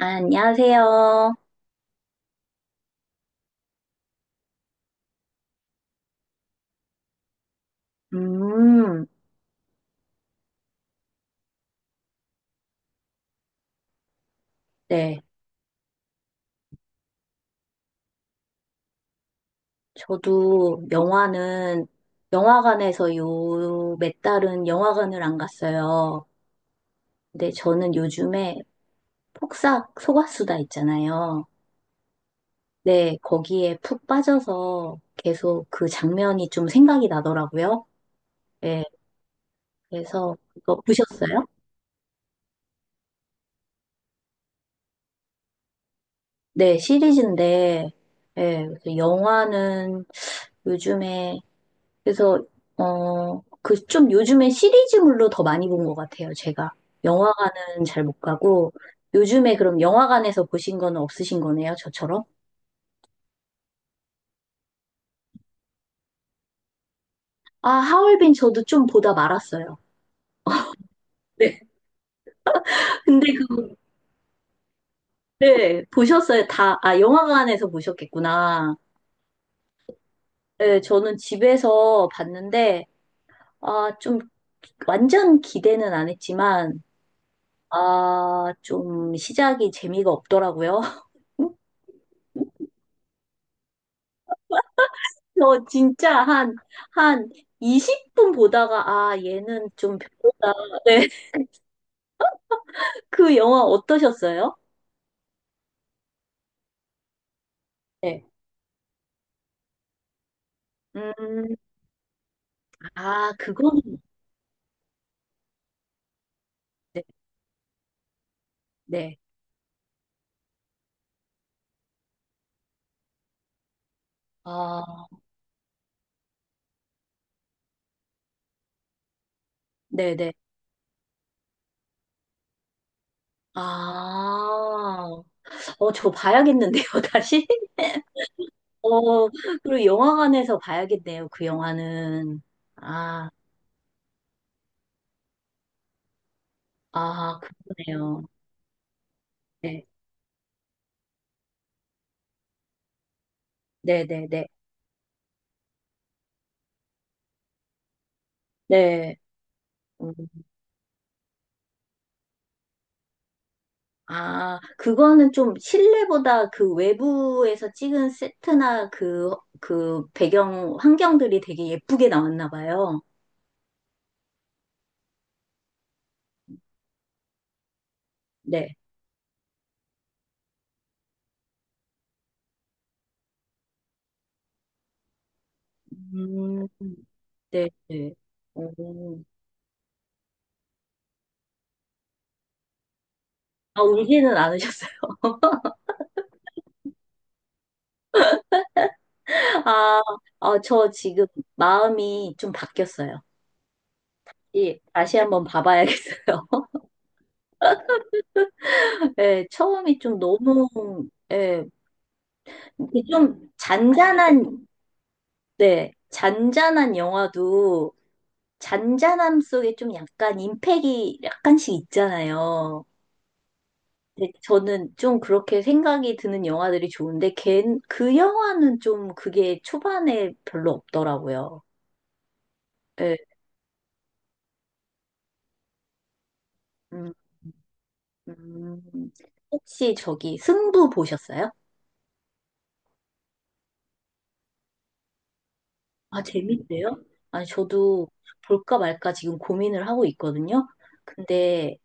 안녕하세요. 음, 네. 저도 영화는 영화관에서 요 몇 달은 영화관을 안 갔어요. 근데 저는 요즘에 폭싹 속았수다 있잖아요. 네, 거기에 푹 빠져서 계속 그 장면이 좀 생각이 나더라고요. 네, 그래서 그거 보셨어요? 네, 시리즈인데, 네, 그래서 영화는 요즘에 그래서 그 좀 요즘에 시리즈물로 더 많이 본 것 같아요, 제가. 영화관은 잘 못 가고 요즘에 그럼 영화관에서 보신 거는 없으신 거네요, 저처럼? 아, 하얼빈 저도 좀 보다 말았어요. 네. 근데 그 네, 보셨어요. 다, 아, 영화관에서 보셨겠구나. 네, 저는 집에서 봤는데 아, 좀 완전 기대는 안 했지만 아, 좀 시작이 재미가 없더라고요. 저 진짜 한 20분 보다가, 아, 얘는 좀 별로다. 네. 그 영화 어떠셨어요? 네. 음, 아, 그거는, 네. 네. 아, 네네. 아, 저 봐야겠는데요, 다시? 어, 그리고 영화관에서 봐야겠네요, 그 영화는. 아, 아, 그러네요. 네, 네네네. 네. 네, 네, 네. 네. 아, 그거는 좀 실내보다 그 외부에서 찍은 세트나 그, 그 배경 환경들이 되게 예쁘게 나왔나 봐요. 네. 음, 네, 네. 오. 아, 울지는 않으셨어요? 아, 아, 저 지금 마음이 좀 바뀌었어요. 예, 다시 한번 봐봐야겠어요. 예, 처음이 좀 너무, 예, 이게 좀 잔잔한, 네, 잔잔한 영화도 잔잔함 속에 좀 약간 임팩이 약간씩 있잖아요. 근데 저는 좀 그렇게 생각이 드는 영화들이 좋은데 걘, 그 영화는 좀 그게 초반에 별로 없더라고요. 예. 음, 음. 혹시 저기 승부 보셨어요? 아, 재밌대요? 아니, 저도 볼까 말까 지금 고민을 하고 있거든요. 근데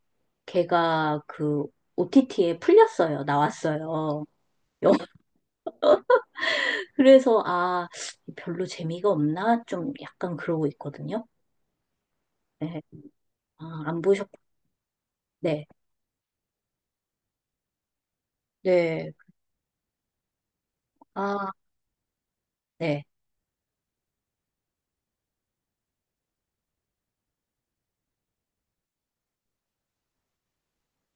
걔가 그 OTT에 풀렸어요. 나왔어요. 그래서 아, 별로 재미가 없나? 좀 약간 그러고 있거든요. 네. 아, 안 보셨, 네. 네. 아, 네.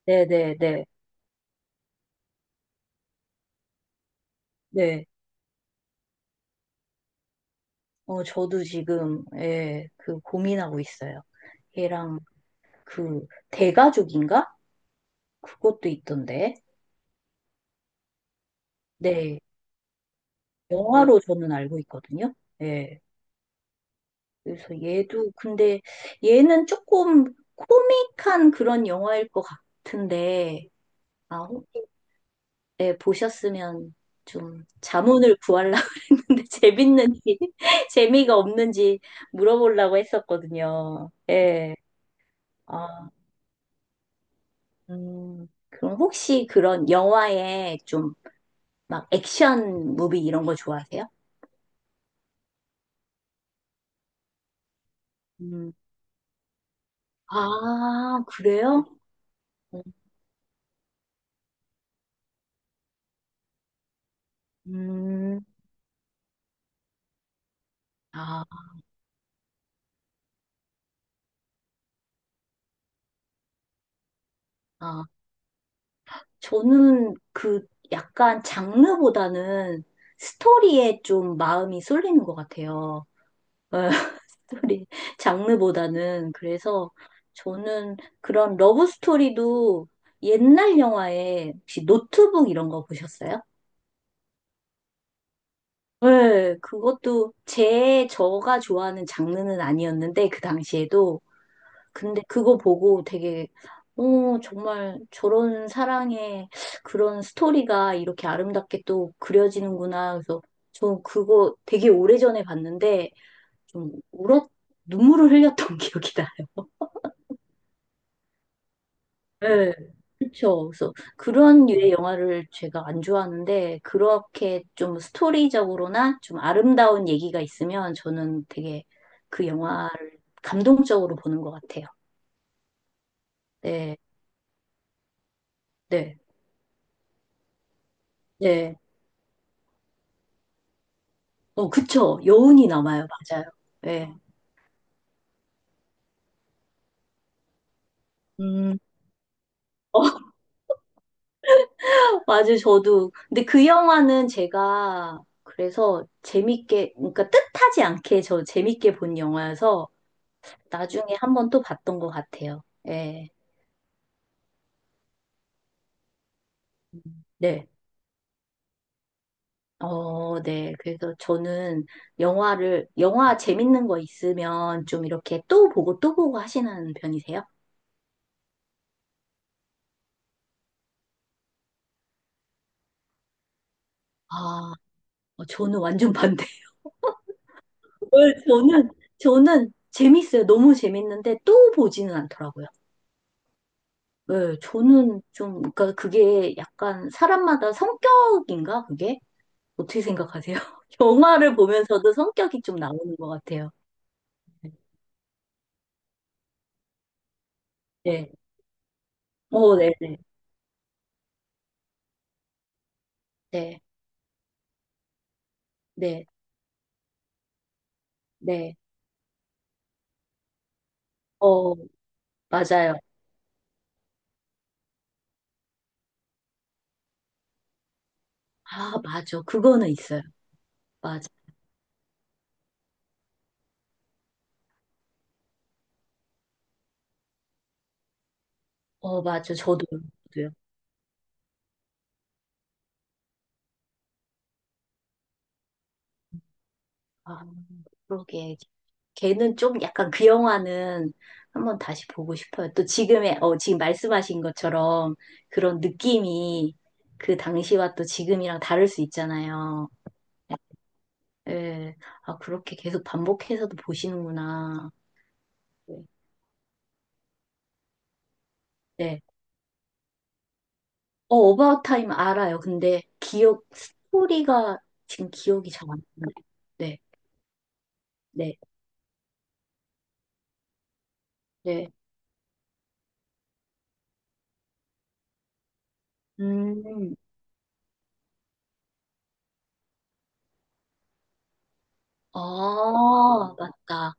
네네네. 네. 저도 지금, 예, 그 고민하고 있어요. 걔랑 그 대가족인가? 그것도 있던데. 네. 영화로 저는 알고 있거든요. 예. 그래서 얘도, 근데 얘는 조금 코믹한 그런 영화일 것 같은데, 아, 예, 보셨으면 좀 자문을 구하려고 했는데 재밌는지 재미가 없는지 물어보려고 했었거든요. 예. 아, 그럼 혹시 그런 영화에 좀 막 액션 무비 이런 거 좋아하세요? 음. 아, 그래요? 음. 아, 아. 저는 그 약간 장르보다는 스토리에 좀 마음이 쏠리는 것 같아요. 스토리 장르보다는 그래서 저는 그런 러브 스토리도 옛날 영화에 혹시 노트북 이런 거 보셨어요? 네, 그것도 제 저가 좋아하는 장르는 아니었는데 그 당시에도 근데 그거 보고 되게 정말 저런 사랑의 그런 스토리가 이렇게 아름답게 또 그려지는구나 그래서 저 그거 되게 오래전에 봤는데 좀 울었 눈물을 흘렸던 기억이 나요. 네. 그렇죠. 그래서 그런 류의 영화를 제가 안 좋아하는데 그렇게 좀 스토리적으로나 좀 아름다운 얘기가 있으면 저는 되게 그 영화를 감동적으로 보는 것 같아요. 네, 네, 네. 그쵸. 여운이 남아요. 맞아요. 네. 음, 맞아요. 저도. 근데 그 영화는 제가 그래서 재밌게, 그러니까 뜻하지 않게 저 재밌게 본 영화여서 나중에 한번 또 봤던 것 같아요. 네. 네. 네. 그래서 저는 영화를, 영화 재밌는 거 있으면 좀 이렇게 또 보고 또 보고 하시는 편이세요? 아, 저는 완전 반대. 네, 저는 재밌어요. 너무 재밌는데 또 보지는 않더라고요. 네, 저는 좀, 그러니까 그게 약간 사람마다 성격인가, 그게? 어떻게 생각하세요? 영화를 보면서도 성격이 좀 나오는 것 같아요. 네. 네. 어, 네, 네, 네, 네, 네. 어, 맞아요. 아, 맞아. 그거는 있어요. 맞아. 어, 맞아. 저도요. 아, 그러게. 걔는 좀 약간 그 영화는 한번 다시 보고 싶어요. 또 지금의, 어, 지금 말씀하신 것처럼 그런 느낌이 그 당시와 또 지금이랑 다를 수 있잖아요. 예. 아, 그렇게 계속 반복해서도 보시는구나. 네. 네. 어, 어바웃 타임 알아요. 근데 기억, 스토리가 지금 기억이 잘 안 나요. 네, 네, 네. 음. 아, 맞다.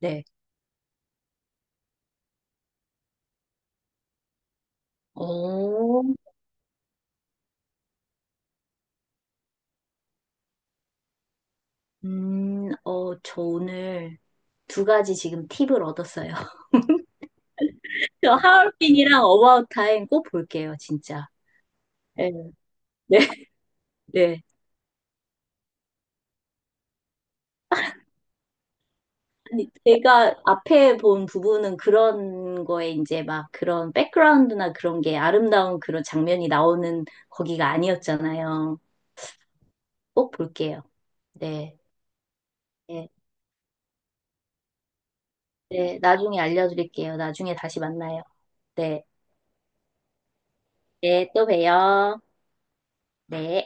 네. 오, 저 오늘 두 가지 지금 팁을 얻었어요. 저 하얼빈이랑 어바웃 타임 꼭 볼게요, 진짜. 네, 네, 네. 아니, 제가 앞에 본 부분은 그런 거에 이제 막 그런 백그라운드나 그런 게 아름다운 그런 장면이 나오는 거기가 아니었잖아요. 꼭 볼게요. 네, 네, 네. 나중에 알려드릴게요. 나중에 다시 만나요. 네, 네, 또 봬요. 네.